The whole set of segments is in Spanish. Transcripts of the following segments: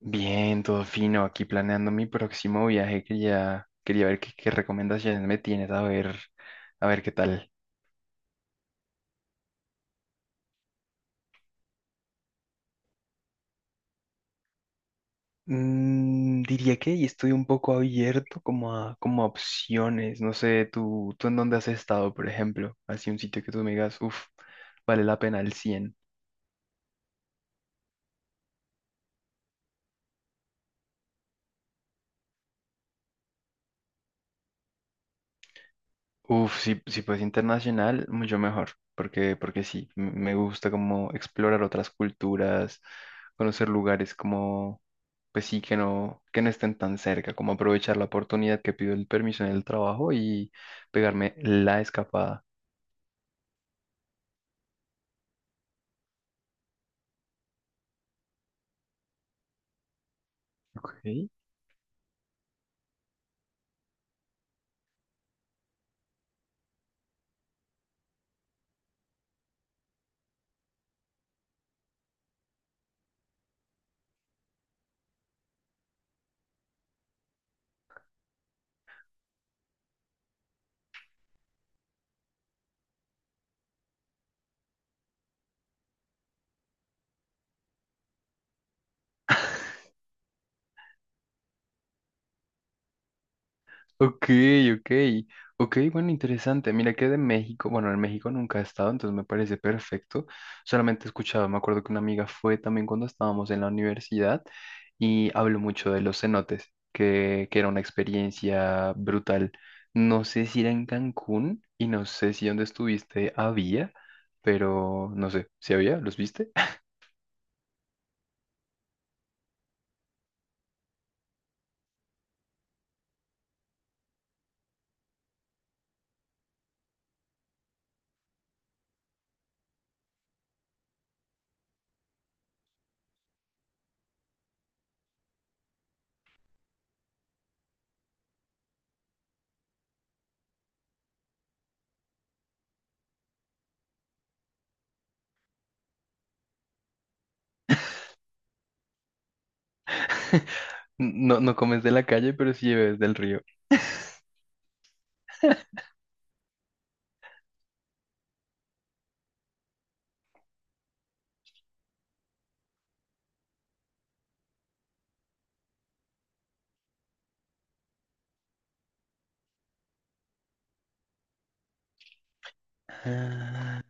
Bien, todo fino, aquí planeando mi próximo viaje, quería ver qué recomendaciones me tienes, a ver qué tal. Diría que estoy un poco abierto como a opciones, no sé, tú en dónde has estado, por ejemplo, así un sitio que tú me digas, uff, vale la pena el 100. Uf, si fuese internacional, mucho mejor, porque sí, me gusta como explorar otras culturas, conocer lugares como, pues sí, que no estén tan cerca, como aprovechar la oportunidad que pido el permiso en el trabajo y pegarme la escapada. Ok. Ok, ok, ok, bueno, interesante. Mira que de México, bueno, en México nunca he estado, entonces me parece perfecto. Solamente he escuchado, me acuerdo que una amiga fue también cuando estábamos en la universidad y habló mucho de los cenotes, que era una experiencia brutal. No sé si era en Cancún y no sé si donde estuviste había, pero no sé, ¿si había? ¿Los viste? No, no comes de la calle, pero sí bebes del río.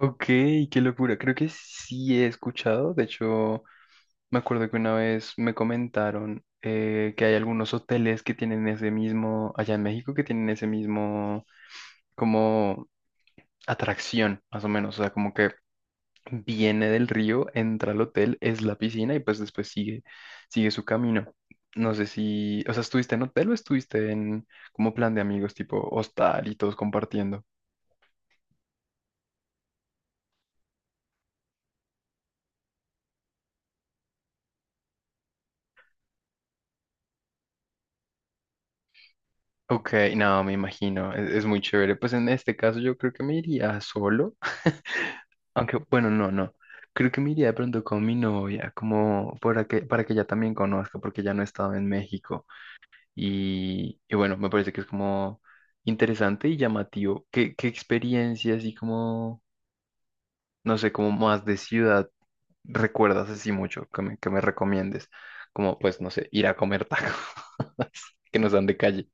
Ok, qué locura. Creo que sí he escuchado. De hecho, me acuerdo que una vez me comentaron que hay algunos hoteles que tienen ese mismo, allá en México, que tienen ese mismo como atracción, más o menos. O sea, como que viene del río, entra al hotel, es la piscina y pues después sigue, su camino. No sé si, o sea, ¿estuviste en hotel o estuviste en como plan de amigos, tipo hostal y todos compartiendo? Ok, no, me imagino, es muy chévere. Pues en este caso yo creo que me iría solo, aunque bueno, no, no. Creo que me iría de pronto con mi novia, como para que, ella también conozca, porque ya no he estado en México. Y bueno, me parece que es como interesante y llamativo. ¿Qué experiencia así como, no sé, como más de ciudad recuerdas así mucho que me recomiendes? Como, pues, no sé, ir a comer tacos que no sean de calle.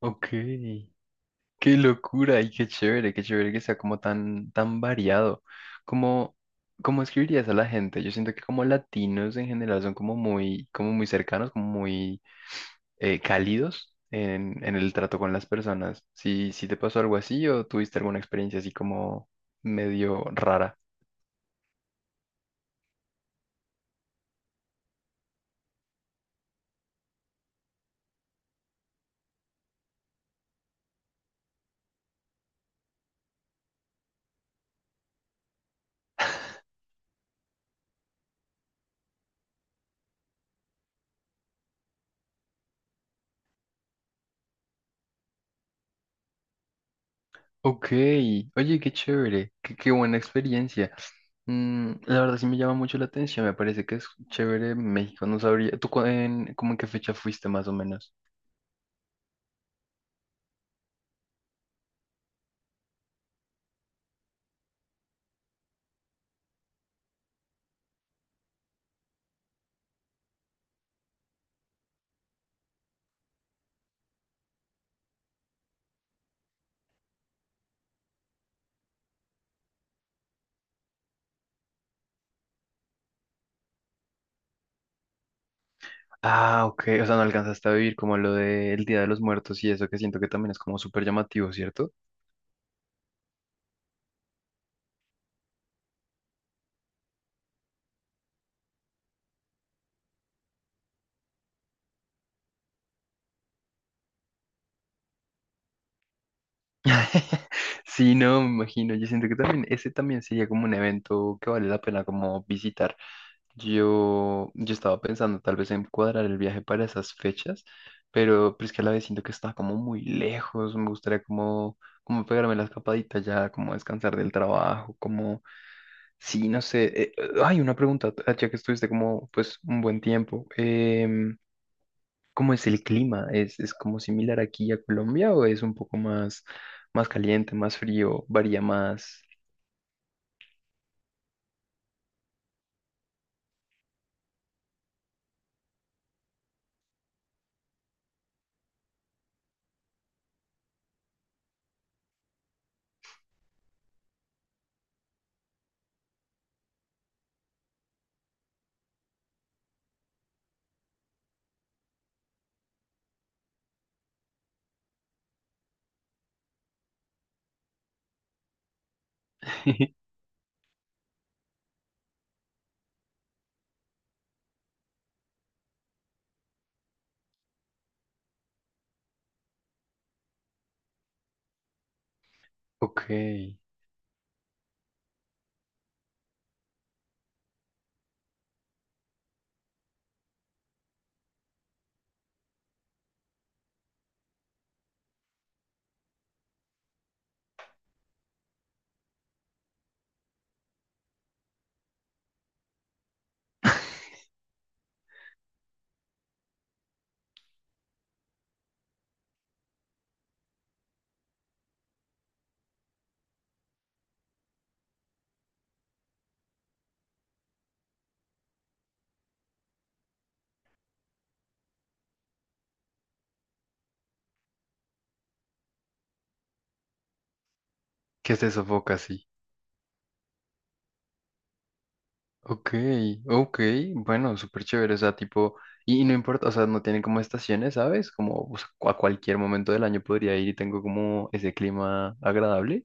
Ok. Qué locura y qué chévere que sea como tan, tan variado. ¿Cómo, cómo escribirías a la gente? Yo siento que como latinos en general son como muy, cercanos, como muy cálidos en el trato con las personas. Si te pasó algo así o tuviste alguna experiencia así como medio rara. Ok, oye, qué chévere, qué buena experiencia. La verdad sí me llama mucho la atención, me parece que es chévere México, no sabría. ¿Tú como en qué fecha fuiste más o menos? Ah, ok, o sea, no alcanzaste a vivir como lo del Día de los Muertos y eso que siento que también es como súper llamativo, ¿cierto? Sí, no, me imagino. Yo siento que también ese también sería como un evento que vale la pena como visitar. Yo estaba pensando tal vez en cuadrar el viaje para esas fechas, pero es que a la vez siento que está como muy lejos. Me gustaría como, pegarme la escapadita ya, como descansar del trabajo, como. Sí, no sé. Hay una pregunta, ah, ya que estuviste como pues un buen tiempo. ¿Cómo es el clima? ¿Es como similar aquí a Colombia o es un poco más, más caliente, más frío, varía más? Ok, que se sofoca así. Ok, ok, bueno, súper chévere, o sea, tipo, y no importa, o sea, no tienen como estaciones, ¿sabes? Como o sea, a cualquier momento del año podría ir y tengo como ese clima agradable.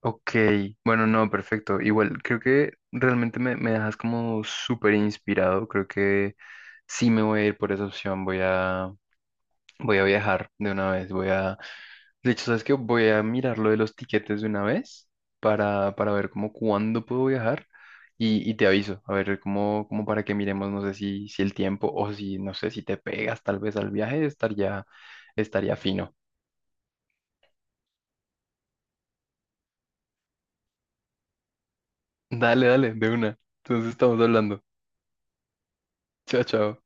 Ok, bueno, no, perfecto. Igual, creo que realmente me, dejas como súper inspirado. Creo que sí me voy a ir por esa opción. Voy a viajar de una vez. De hecho, ¿sabes qué? Voy a mirar lo de los tiquetes de una vez para, ver como cuándo puedo viajar y te aviso. A ver, como, para que miremos, no sé si el tiempo o si, no sé, si te pegas tal vez al viaje, estaría, fino. Dale, dale, de una. Entonces estamos hablando. Chao, chao.